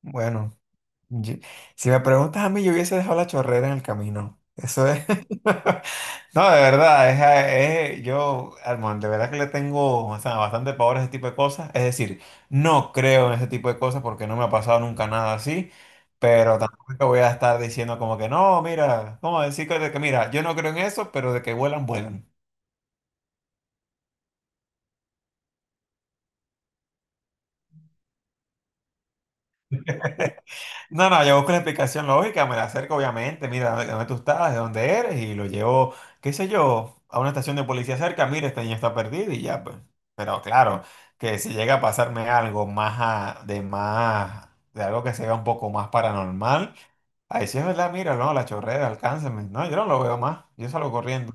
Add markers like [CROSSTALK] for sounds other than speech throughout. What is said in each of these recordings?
Bueno, yo- si me preguntas a mí, yo hubiese dejado la chorrera en el camino. Eso es. [LAUGHS] No, de verdad, yo, Armando, de verdad que le tengo, o sea, bastante pavor a ese tipo de cosas. Es decir, no creo en ese tipo de cosas porque no me ha pasado nunca nada así, pero claro, tampoco es que voy a estar diciendo como que no, mira, como decir que, de que mira, yo no creo en eso, pero de que vuelan, vuelan. No, no, yo busco la explicación lógica, me la acerco obviamente, mira de dónde tú estás, de dónde eres, y lo llevo, qué sé yo, a una estación de policía cerca, mira, esta niña está perdida y ya, pues. Pero claro, que si llega a pasarme algo de más, de algo que sea un poco más paranormal, ahí sí es verdad, mira, no, la chorrera, alcánceme. No, yo no lo veo más, yo salgo corriendo.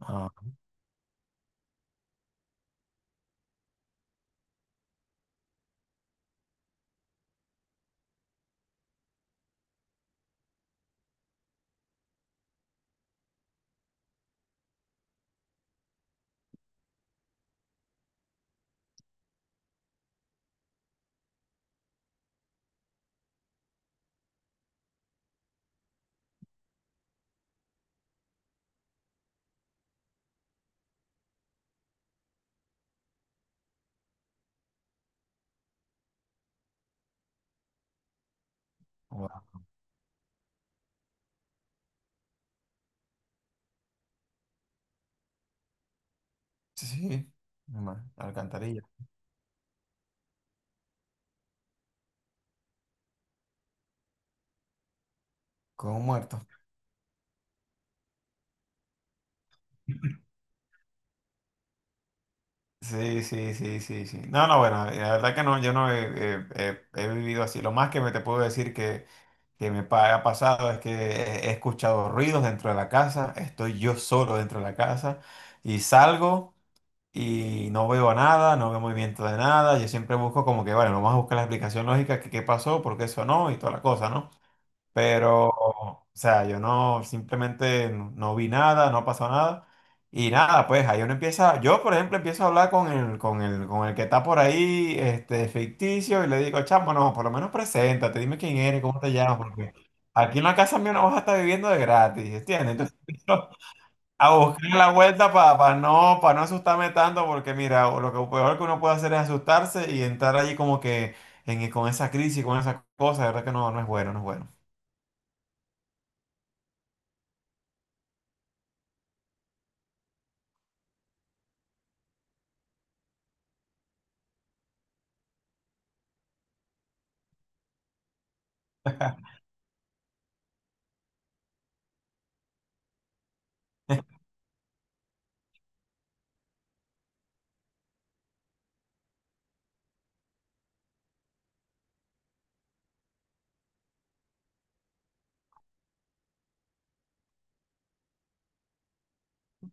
Ah, wow. Sí, sí, una alcantarilla, con un muerto. Sí, sí, sí, sí, sí. No, no, bueno, la verdad que no, yo no he, he- he- he vivido así. Lo más que me te puedo decir que ha pasado es que he escuchado ruidos dentro de la casa, estoy yo solo dentro de la casa y salgo y no veo nada, no veo movimiento de nada. Yo siempre busco como que, bueno, vamos a buscar la explicación lógica que qué pasó, por qué sonó y toda la cosa, ¿no? Pero, o sea, yo no, simplemente no, no vi nada, no pasó nada. Y nada, pues ahí uno empieza, yo por ejemplo empiezo a hablar con el que está por ahí, este, ficticio, y le digo, chamo, no, por lo menos preséntate, dime quién eres, cómo te llamas, porque aquí en la casa mía no vas a estar viviendo de gratis, ¿entiendes? Entonces [LAUGHS] empiezo a buscar la vuelta para para no asustarme tanto, porque mira, lo que peor que uno puede hacer es asustarse y entrar allí como que con esa crisis, con esa cosa, de verdad que no, no es bueno, no es bueno.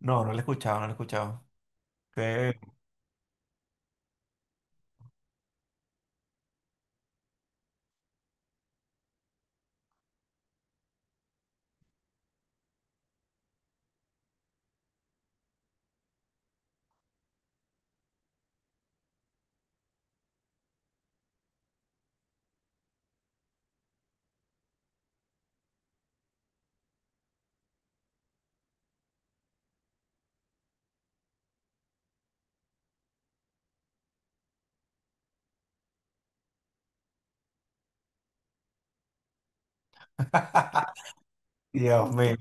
No, no lo he escuchado, no lo he escuchado. Qué- [LAUGHS] Dios mío.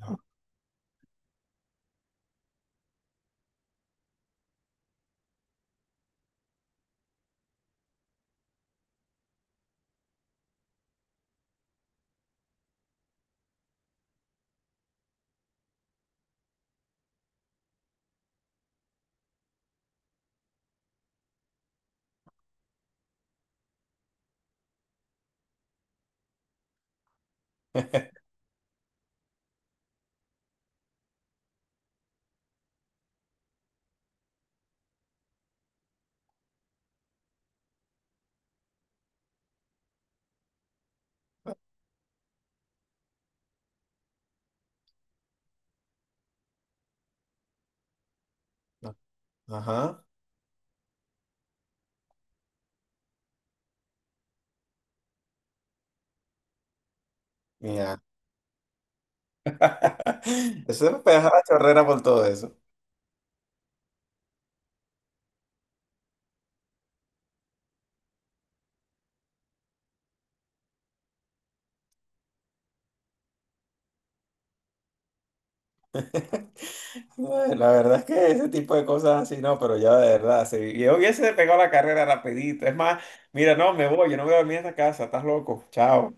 Ajá, mira. [LAUGHS] Eso me pegaba la chorrera por todo eso. Ay, la verdad es que ese tipo de cosas así no, pero ya de verdad, sí. Yo hubiese pegado la carrera rapidito. Es más, mira, no, me voy, yo no voy a dormir en esta casa, estás loco, chao.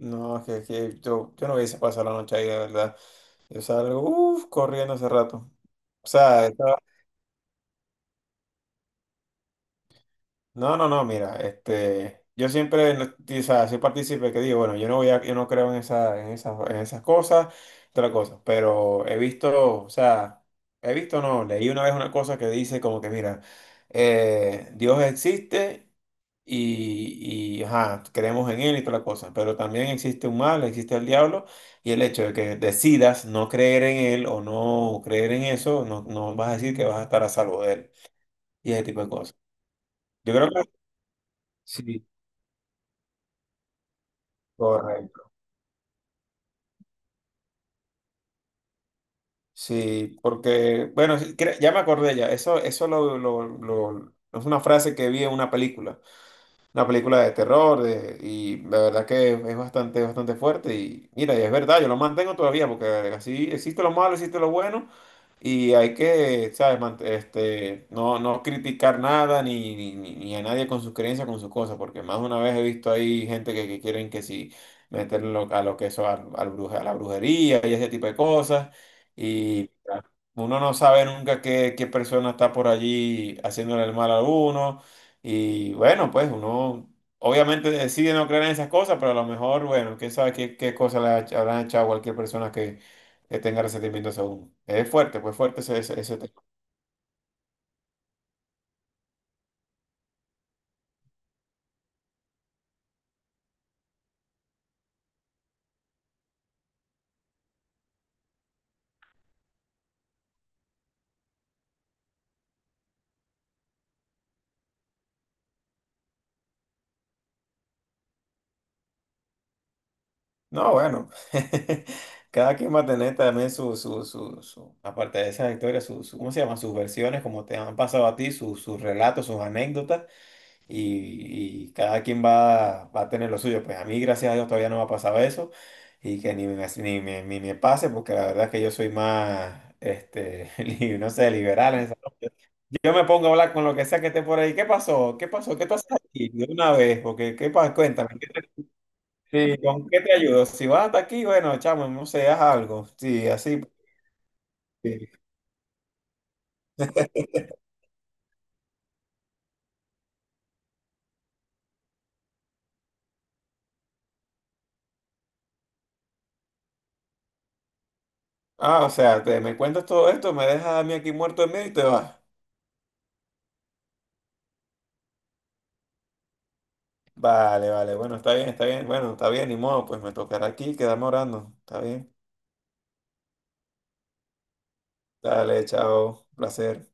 No, es que yo, yo no hubiese pasado la noche ahí, de verdad. Yo salgo, uff, corriendo hace rato. O sea, no, no, no, mira, este, yo siempre, no- o sea, soy partícipe que digo, bueno, yo no voy yo no creo en esas cosas, otra cosa, pero he visto, o sea, he visto, no, leí una vez una cosa que dice como que, mira, Dios existe ajá, creemos en él y toda la cosa, pero también existe un mal, existe el diablo, y el hecho de que decidas no creer en él o no creer en eso, no, no vas a decir que vas a estar a salvo de él, y ese tipo de cosas. Yo creo que... Sí. Correcto. Sí, porque, bueno, sí, ya me acordé ya, eso lo- es una frase que vi en una película. Una película de terror y la verdad que es bastante, bastante fuerte y mira, y es verdad, yo lo mantengo todavía porque así existe lo malo, existe lo bueno y hay que, ¿sabes? Este, no, no criticar nada ni a nadie con sus creencias, con sus cosas, porque más de una vez he visto ahí gente que quieren que sí meterlo a lo que eso, al a la brujería y ese tipo de cosas. Uno no sabe nunca qué, qué persona está por allí haciéndole el mal a uno. Y bueno, pues uno obviamente decide no creer en esas cosas, pero a lo mejor, bueno, quién sabe qué, qué cosas habrán echado a cualquier persona que tenga resentimientos a uno. Es fuerte, pues fuerte ese tema. No, bueno, [LAUGHS] cada quien va a tener también aparte de esas historias, ¿cómo se llama? Sus versiones, como te han pasado a ti, sus relatos, sus anécdotas. Y, y cada quien va, va a tener lo suyo. Pues a mí, gracias a Dios, todavía no me ha pasado eso y que ni me pase, porque la verdad es que yo soy más, este, [LAUGHS] no sé, liberal en yo me pongo a hablar con lo que sea que esté por ahí. ¿Qué pasó? ¿Qué pasó? ¿Qué tú haces aquí? De una vez, porque ¿qué pasa? Cuéntame, ¿qué sí, ¿con qué te ayudo? Si vas hasta aquí, bueno, chamo, no sé, haz algo. Sí, así. Sí. Ah, o sea, te, me cuentas todo esto, me dejas a mí aquí muerto de miedo y te vas. Vale, vale, bueno, está bien, bueno, está bien, ni modo, pues me tocará aquí quedarme orando, está bien. Dale, chao, placer.